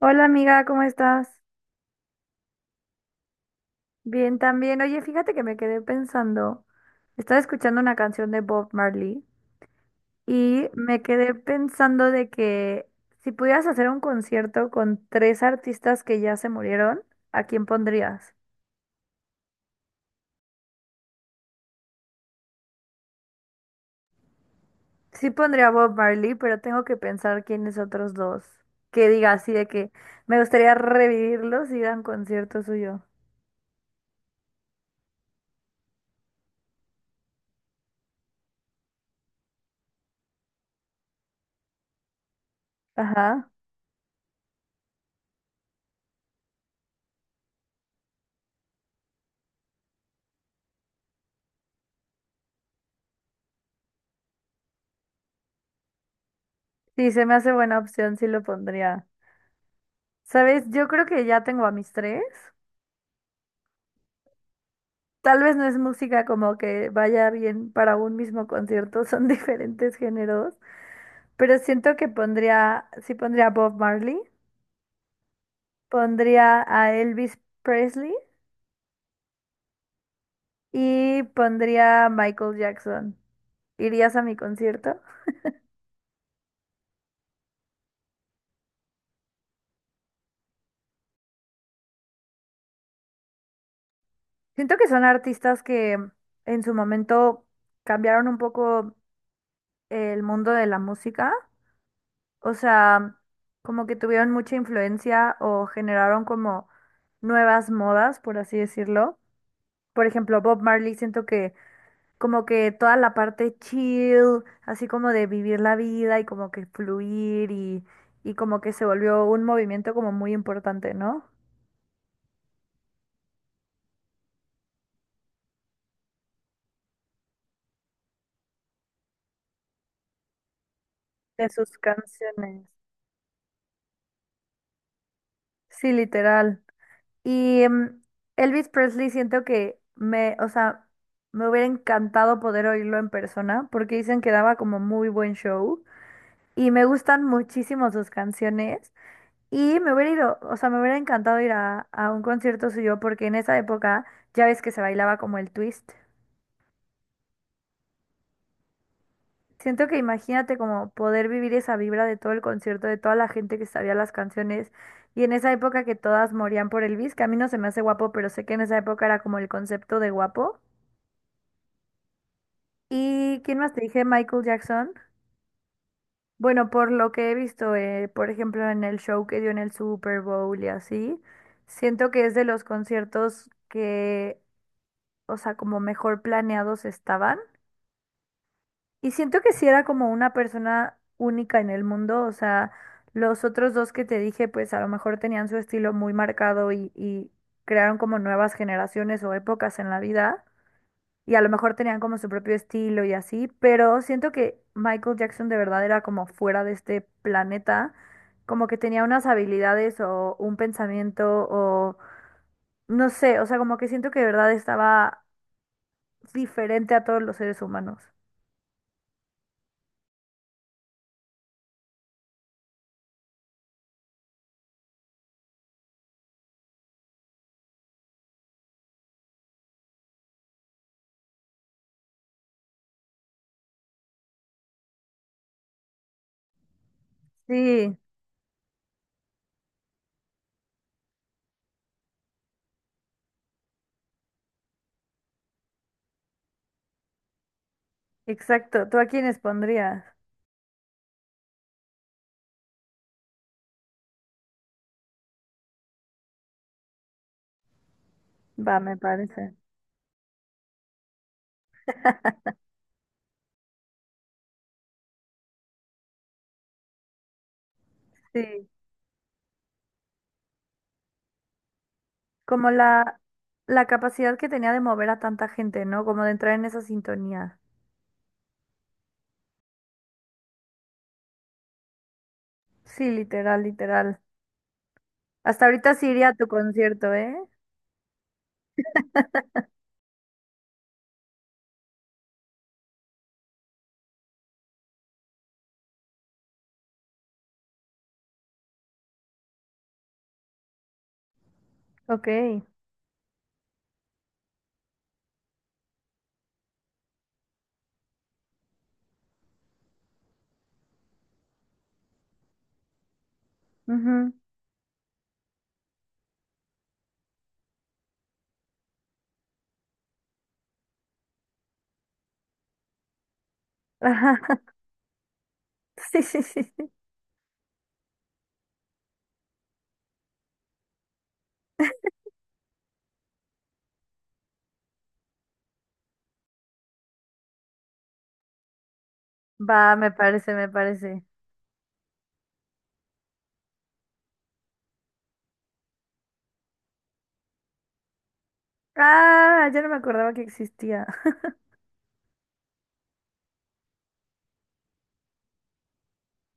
Hola amiga, ¿cómo estás? Bien también. Oye, fíjate que me quedé pensando, estaba escuchando una canción de Bob Marley y me quedé pensando de que si pudieras hacer un concierto con tres artistas que ya se murieron, ¿a quién pondrías? Sí pondría a Bob Marley, pero tengo que pensar quiénes otros dos. Que diga así de que me gustaría revivirlos y dan concierto suyo. Ajá. Sí, se me hace buena opción, sí lo pondría. ¿Sabes? Yo creo que ya tengo a mis tres. Tal vez no es música como que vaya bien para un mismo concierto, son diferentes géneros, pero siento que pondría, sí pondría a Bob Marley, pondría a Elvis Presley y pondría a Michael Jackson. ¿Irías a mi concierto? Siento que son artistas que en su momento cambiaron un poco el mundo de la música, o sea, como que tuvieron mucha influencia o generaron como nuevas modas, por así decirlo. Por ejemplo, Bob Marley, siento que como que toda la parte chill, así como de vivir la vida y como que fluir y como que se volvió un movimiento como muy importante, ¿no? De sus canciones. Sí, literal. Y em, Elvis Presley siento que me, o sea, me hubiera encantado poder oírlo en persona porque dicen que daba como muy buen show y me gustan muchísimo sus canciones. Y me hubiera ido, o sea, me hubiera encantado ir a un concierto suyo porque en esa época ya ves que se bailaba como el twist. Siento que imagínate como poder vivir esa vibra de todo el concierto, de toda la gente que sabía las canciones y en esa época que todas morían por Elvis, que a mí no se me hace guapo, pero sé que en esa época era como el concepto de guapo. ¿Y quién más te dije? Michael Jackson. Bueno, por lo que he visto, por ejemplo, en el show que dio en el Super Bowl y así, siento que es de los conciertos que o sea, como mejor planeados estaban. Y siento que sí era como una persona única en el mundo, o sea, los otros dos que te dije, pues a lo mejor tenían su estilo muy marcado y crearon como nuevas generaciones o épocas en la vida, y a lo mejor tenían como su propio estilo y así, pero siento que Michael Jackson de verdad era como fuera de este planeta, como que tenía unas habilidades o un pensamiento o no sé, o sea, como que siento que de verdad estaba diferente a todos los seres humanos. Sí, exacto. ¿Tú a quiénes pondrías? Va, me parece. Sí, como la capacidad que tenía de mover a tanta gente, ¿no? Como de entrar en esa sintonía. Sí, literal, literal. Hasta ahorita sí iría a tu concierto, ¿eh? Ok. Ujú. Ajá. Sí, sí, sí, sí. Va, me parece, me parece. Ah, ya no me acordaba que existía.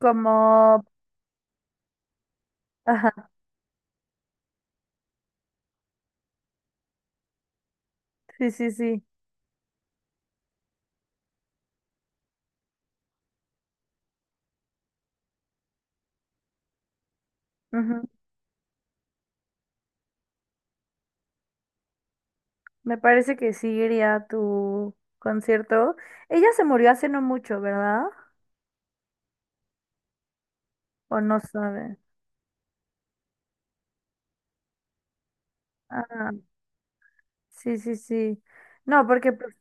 Como... Ajá, sí, sí, sí. Me parece que sí iría a tu concierto. Ella se murió hace no mucho, ¿verdad? ¿O no sabe? Ah, sí, sí, sí. No, porque pues,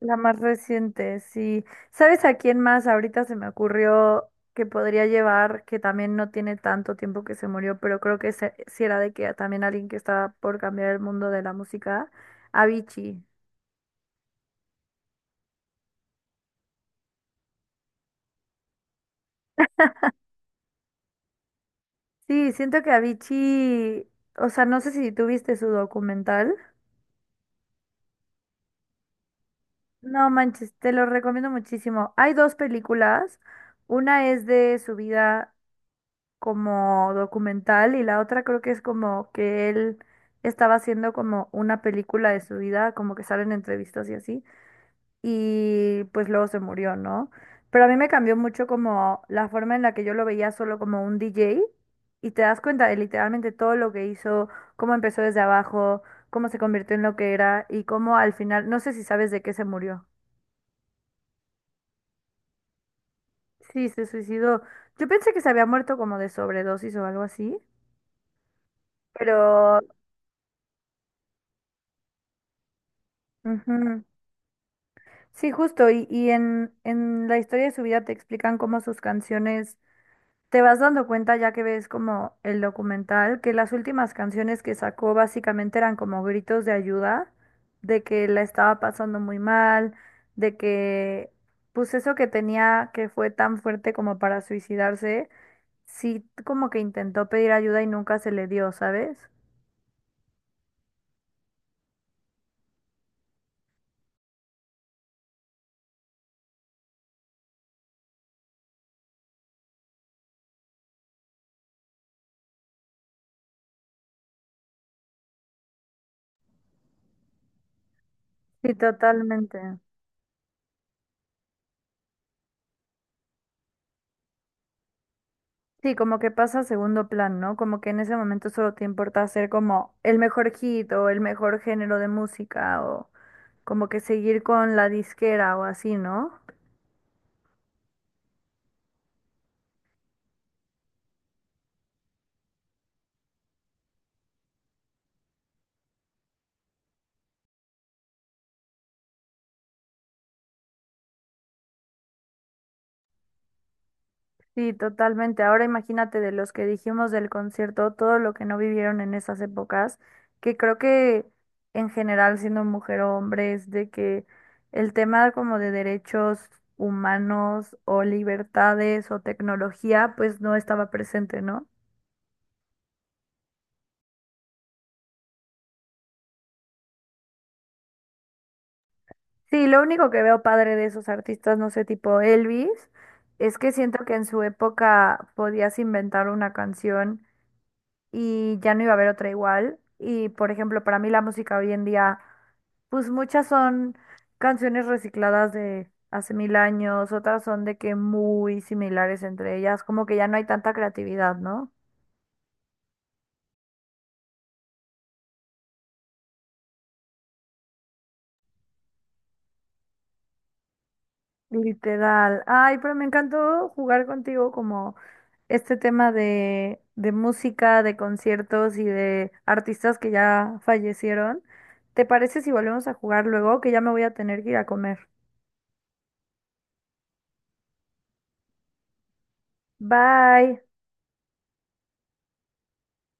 la más reciente, sí. ¿Sabes a quién más ahorita se me ocurrió que podría llevar, que también no tiene tanto tiempo que se murió, pero creo que sí era de que también alguien que estaba por cambiar el mundo de la música? Avicii. Sí, siento que Avicii, o sea, no sé si tuviste su documental. No manches, te lo recomiendo muchísimo. Hay dos películas. Una es de su vida como documental y la otra creo que es como que él estaba haciendo como una película de su vida, como que salen entrevistas y así. Y pues luego se murió, ¿no? Pero a mí me cambió mucho como la forma en la que yo lo veía solo como un DJ y te das cuenta de literalmente todo lo que hizo, cómo empezó desde abajo, cómo se convirtió en lo que era y cómo al final, no sé si sabes de qué se murió. Sí, se suicidó. Yo pensé que se había muerto como de sobredosis o algo así, pero ujú. Sí, justo. Y en la historia de su vida te explican cómo sus canciones, te vas dando cuenta ya que ves como el documental, que las últimas canciones que sacó básicamente eran como gritos de ayuda, de que la estaba pasando muy mal, de que pues eso que tenía que fue tan fuerte como para suicidarse, sí como que intentó pedir ayuda y nunca se le dio, ¿sabes? Sí, totalmente. Sí, como que pasa a segundo plan, ¿no? Como que en ese momento solo te importa hacer como el mejor hit o el mejor género de música o como que seguir con la disquera o así, ¿no? Sí, totalmente. Ahora imagínate de los que dijimos del concierto, todo lo que no vivieron en esas épocas, que creo que en general siendo mujer o hombre es de que el tema como de derechos humanos o libertades o tecnología pues no estaba presente, ¿no? Sí, lo único que veo padre de esos artistas, no sé, tipo Elvis, es que siento que en su época podías inventar una canción y ya no iba a haber otra igual. Y por ejemplo, para mí la música hoy en día, pues muchas son canciones recicladas de hace mil años, otras son de que muy similares entre ellas, como que ya no hay tanta creatividad, ¿no? Literal. Ay, pero me encantó jugar contigo como este tema de música, de conciertos y de artistas que ya fallecieron. ¿Te parece si volvemos a jugar luego? Que ya me voy a tener que ir a comer. Bye.